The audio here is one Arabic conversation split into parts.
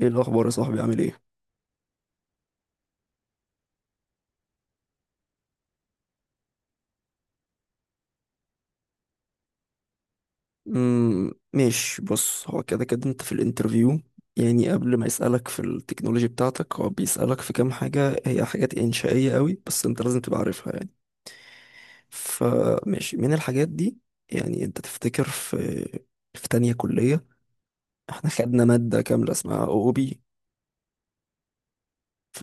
ايه الاخبار يا صاحبي، عامل ايه؟ ماشي، بص، هو كده كده انت في الانترفيو. يعني قبل ما يسألك في التكنولوجي بتاعتك هو بيسألك في كام حاجة، هي حاجات إنشائية قوي بس انت لازم تبقى عارفها يعني. فماشي، من الحاجات دي يعني انت تفتكر في تانية كلية؟ احنا خدنا مادة كاملة اسمها او بي. ف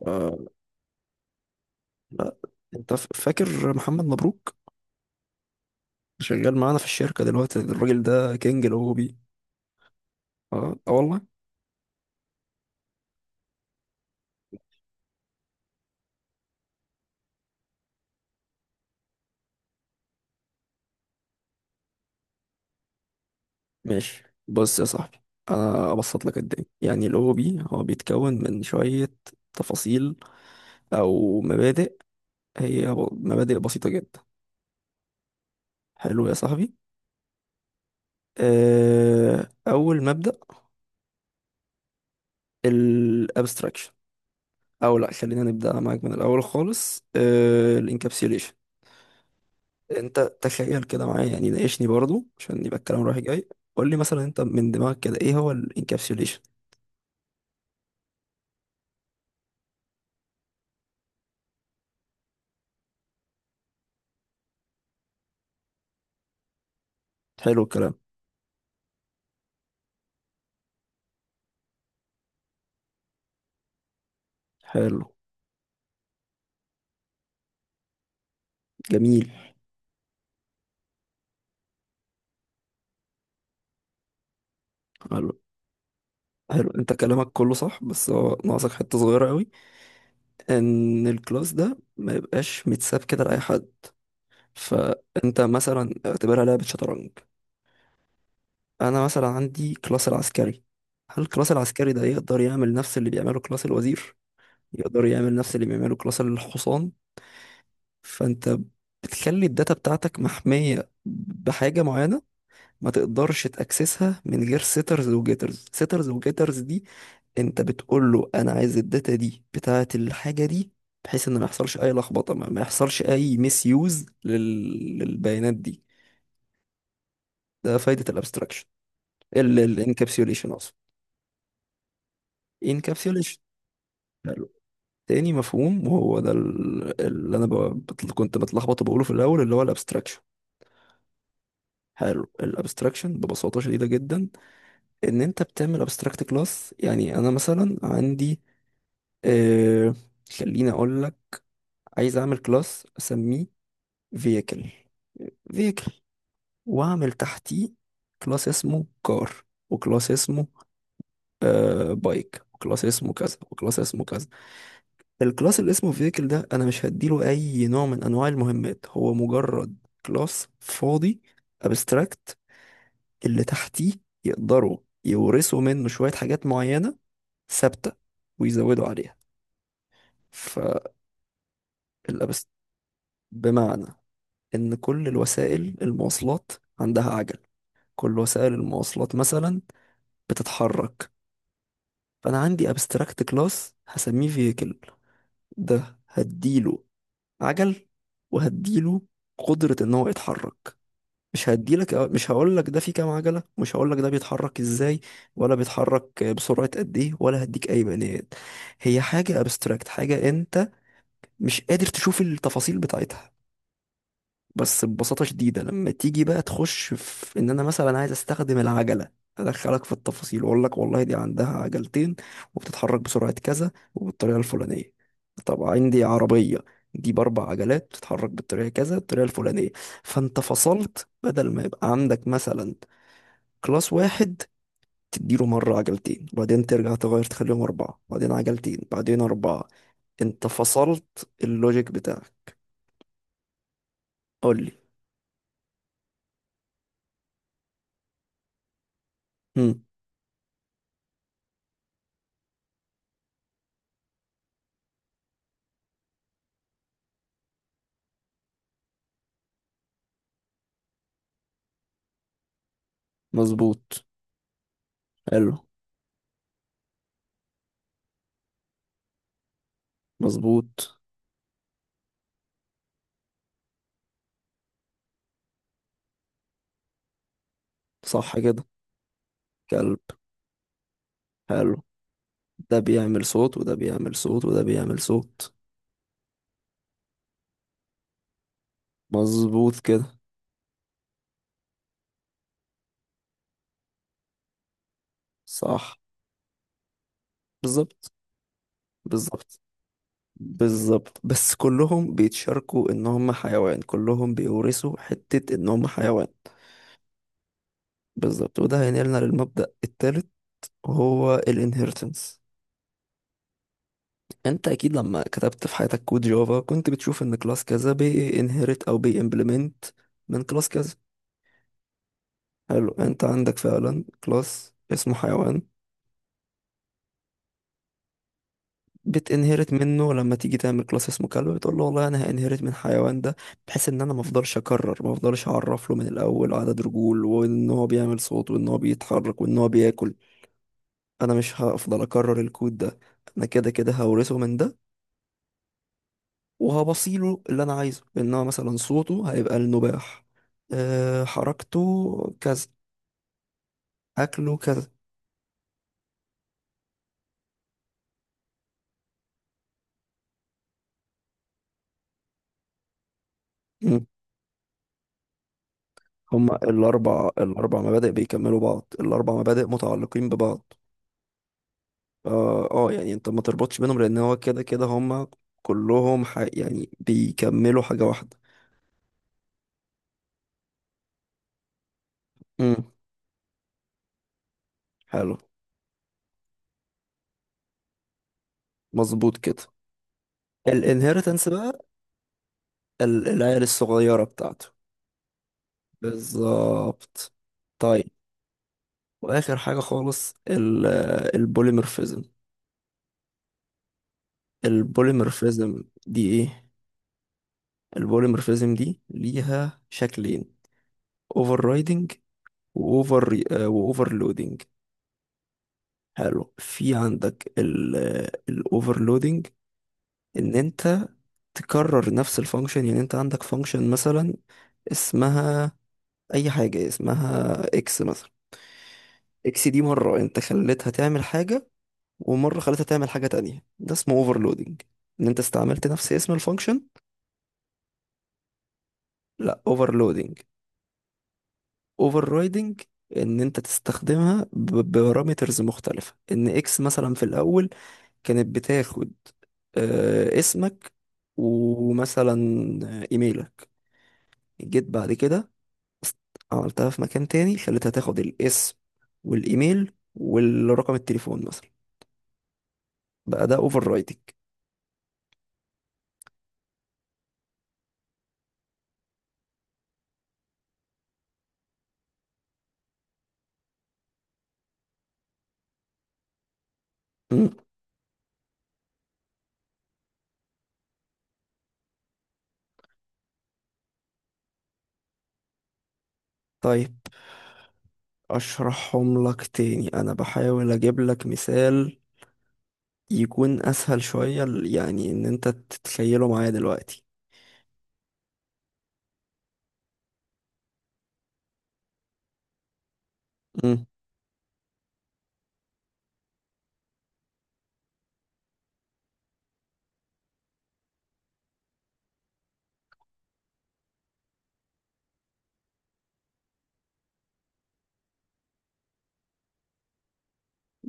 لا، انت فاكر محمد مبروك؟ شغال معانا في الشركة دلوقتي، الراجل ده كينج الاو بي. اه آه والله. ماشي، بص يا صاحبي، انا ابسط لك الدنيا. يعني الاو بي هو بيتكون من شوية تفاصيل او مبادئ، هي مبادئ بسيطة جدا. حلو يا صاحبي. أه، اول مبدأ الابستراكشن. او لا، خلينا نبدأ معاك من الاول خالص. أه، الانكابسيوليشن. انت تخيل كده معايا، يعني ناقشني برضو عشان يبقى الكلام رايح جاي. قول لي مثلا انت من دماغك كده ايه هو الانكابسيوليشن؟ حلو الكلام. حلو. جميل. حلو، انت كلامك كله صح بس هو ناقصك حته صغيره قوي. ان الكلاس ده ما يبقاش متساب كده لاي حد. فانت مثلا اعتبرها لعبه شطرنج. انا مثلا عندي كلاس العسكري، هل الكلاس العسكري ده يقدر يعمل نفس اللي بيعمله كلاس الوزير؟ يقدر يعمل نفس اللي بيعمله كلاس الحصان؟ فانت بتخلي الداتا بتاعتك محميه بحاجه معينه، ما تقدرش تاكسسها من غير سيترز وجيترز. سيترز وجيترز دي انت بتقول له انا عايز الداتا دي بتاعه الحاجه دي، بحيث ان ما يحصلش اي لخبطه، ما يحصلش اي ميس يوز للبيانات دي. ده فايده الابستراكشن، الانكابسيوليشن اقصد. انكابسيوليشن. حلو. تاني مفهوم وهو ده اللي انا كنت بتلخبط وبقوله في الاول، اللي هو الابستراكشن. حلو، الابستراكشن ببساطه شديده جدا، ان انت بتعمل ابستراكت كلاس. يعني انا مثلا عندي آه... خليني اقول لك، عايز اعمل كلاس اسميه فيكل. فيكل واعمل تحتيه كلاس اسمه كار، وكلاس اسمه بايك، وكلاس اسمه كذا، وكلاس اسمه كذا. الكلاس اللي اسمه فيكل ده انا مش هديله اي نوع من انواع المهمات، هو مجرد كلاس فاضي، ابستراكت. اللي تحتيه يقدروا يورثوا منه شوية حاجات معينة ثابتة ويزودوا عليها. فالابست بمعنى ان كل الوسائل المواصلات عندها عجل. كل وسائل المواصلات مثلا بتتحرك. فانا عندي ابستراكت كلاس هسميه فيكل، ده هديله عجل، وهديله قدرة ان هو يتحرك. مش هديلك، مش هقولك ده فيه كام عجلة، مش هقولك ده بيتحرك ازاي، ولا بيتحرك بسرعة قد ايه، ولا هديك اي بيانات. هي حاجة ابستراكت، حاجة انت مش قادر تشوف التفاصيل بتاعتها. بس ببساطة شديدة، لما تيجي بقى تخش في ان انا مثلا عايز استخدم العجلة، ادخلك في التفاصيل واقول لك والله دي عندها عجلتين وبتتحرك بسرعة كذا وبالطريقة الفلانية. طب عندي عربية، دي باربع عجلات بتتحرك بالطريقة كذا، الطريقة الفلانية. فانت فصلت، بدل ما يبقى عندك مثلا كلاس واحد تديله مرة عجلتين وبعدين ترجع تغير تخليهم أربعة بعدين عجلتين بعدين أربعة. انت فصلت اللوجيك بتاعك. قول لي. مم. مظبوط. حلو. مظبوط. صح كده. كلب. حلو. ده بيعمل صوت وده بيعمل صوت وده بيعمل صوت. مظبوط كده. صح. بالظبط. بالظبط. بالظبط، بس كلهم بيتشاركوا ان هم حيوان، كلهم بيورثوا حتة ان هم حيوان. بالظبط، وده هينقلنا للمبدأ الثالث، وهو الانهيرتنس. انت اكيد لما كتبت في حياتك كود جافا كنت بتشوف ان كلاس كذا بينهرت او بيمبلمنت من كلاس كذا. حلو، انت عندك فعلا كلاس اسمه حيوان، بتنهرت منه لما تيجي تعمل كلاس اسمه كلب. بتقول له والله انا هانهرت من حيوان ده، بحيث ان انا ما افضلش اكرر، ما افضلش اعرف له من الاول عدد رجول وان هو بيعمل صوت وان هو بيتحرك وان هو بياكل. انا مش هفضل اكرر الكود ده، انا كده كده هورثه من ده، وهبصيله اللي انا عايزه، ان هو مثلا صوته هيبقى النباح، أه، حركته كذا، اكله كذا. هما الأربع، مبادئ بيكملوا بعض، الأربع مبادئ متعلقين ببعض. اه، آه، يعني انت ما تربطش بينهم لأن هو كده كده هما كلهم يعني بيكملوا حاجة واحدة. امم. حلو. مظبوط كده. الانهيرتنس بقى، العيال الصغيرة بتاعته. بالظبط. طيب، وآخر حاجة خالص البوليمورفيزم. البوليمورفيزم دي ايه؟ البوليمورفيزم دي ليها شكلين: اوفر واوفر واوفر لودنج. حلو، في عندك الاوفر لودنج، ان انت تكرر نفس الفانكشن. يعني انت عندك فانكشن مثلا اسمها اي حاجه، اسمها اكس مثلا. اكس دي مره انت خليتها تعمل حاجه ومره خليتها تعمل حاجه تانية، ده اسمه اوفر لودنج، ان انت استعملت نفس اسم الفانكشن. لا، اوفر لودنج. اوفر رايدنج، ان انت تستخدمها ببارامترز مختلفه، ان اكس مثلا في الاول كانت بتاخد آه، اسمك، ومثلا ايميلك. جيت بعد كده است- عملتها في مكان تاني، خليتها تاخد الاسم والايميل والرقم التليفون مثلا. بقى ده اوفر رايتنج. طيب، اشرحهم لك تاني، انا بحاول اجيب لك مثال يكون اسهل شوية يعني ان انت تتخيله معايا دلوقتي. مم.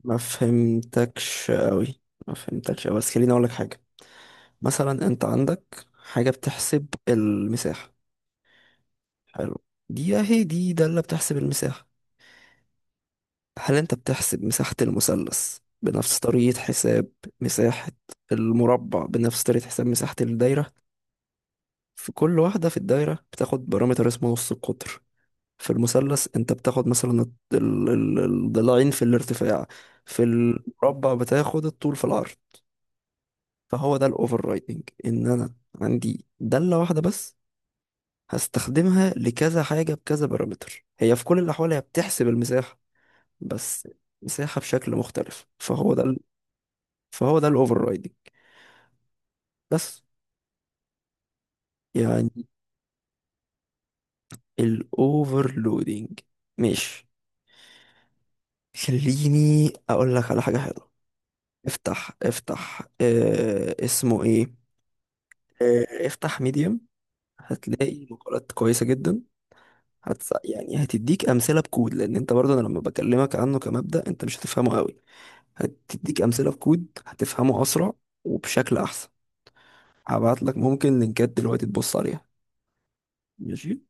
ما فهمتكش قوي، ما فهمتكش أوي، بس خليني اقول لك حاجة. مثلا انت عندك حاجة بتحسب المساحة. حلو، دي اهي دي دالة بتحسب المساحة. هل انت بتحسب مساحة المثلث بنفس طريقة حساب مساحة المربع بنفس طريقة حساب مساحة الدايرة؟ في كل واحدة، في الدايرة بتاخد بارامتر اسمه نص القطر، في المثلث انت بتاخد مثلا الضلعين في الارتفاع، في المربع بتاخد الطول في العرض. فهو ده الاوفر رايدنج، ان انا عندي دالة واحدة بس هستخدمها لكذا حاجة بكذا بارامتر، هي في كل الأحوال هي بتحسب المساحة، بس مساحة بشكل مختلف. فهو ده فهو ده الأوفر رايدنج بس. يعني الأوفر لودنج. ماشي، خليني أقول لك على حاجة حلوة. افتح، اسمه ايه؟ اه، افتح ميديم، هتلاقي مقالات كويسة جدا. يعني هتديك أمثلة بكود، لأن أنت برضه أنا لما بكلمك عنه كمبدأ أنت مش هتفهمه قوي. هتديك امثله في كود هتفهمه اسرع وبشكل احسن. هبعت لك ممكن لينكات دلوقتي تبص عليها. ماشي.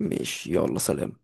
ماشي يلا، سلام.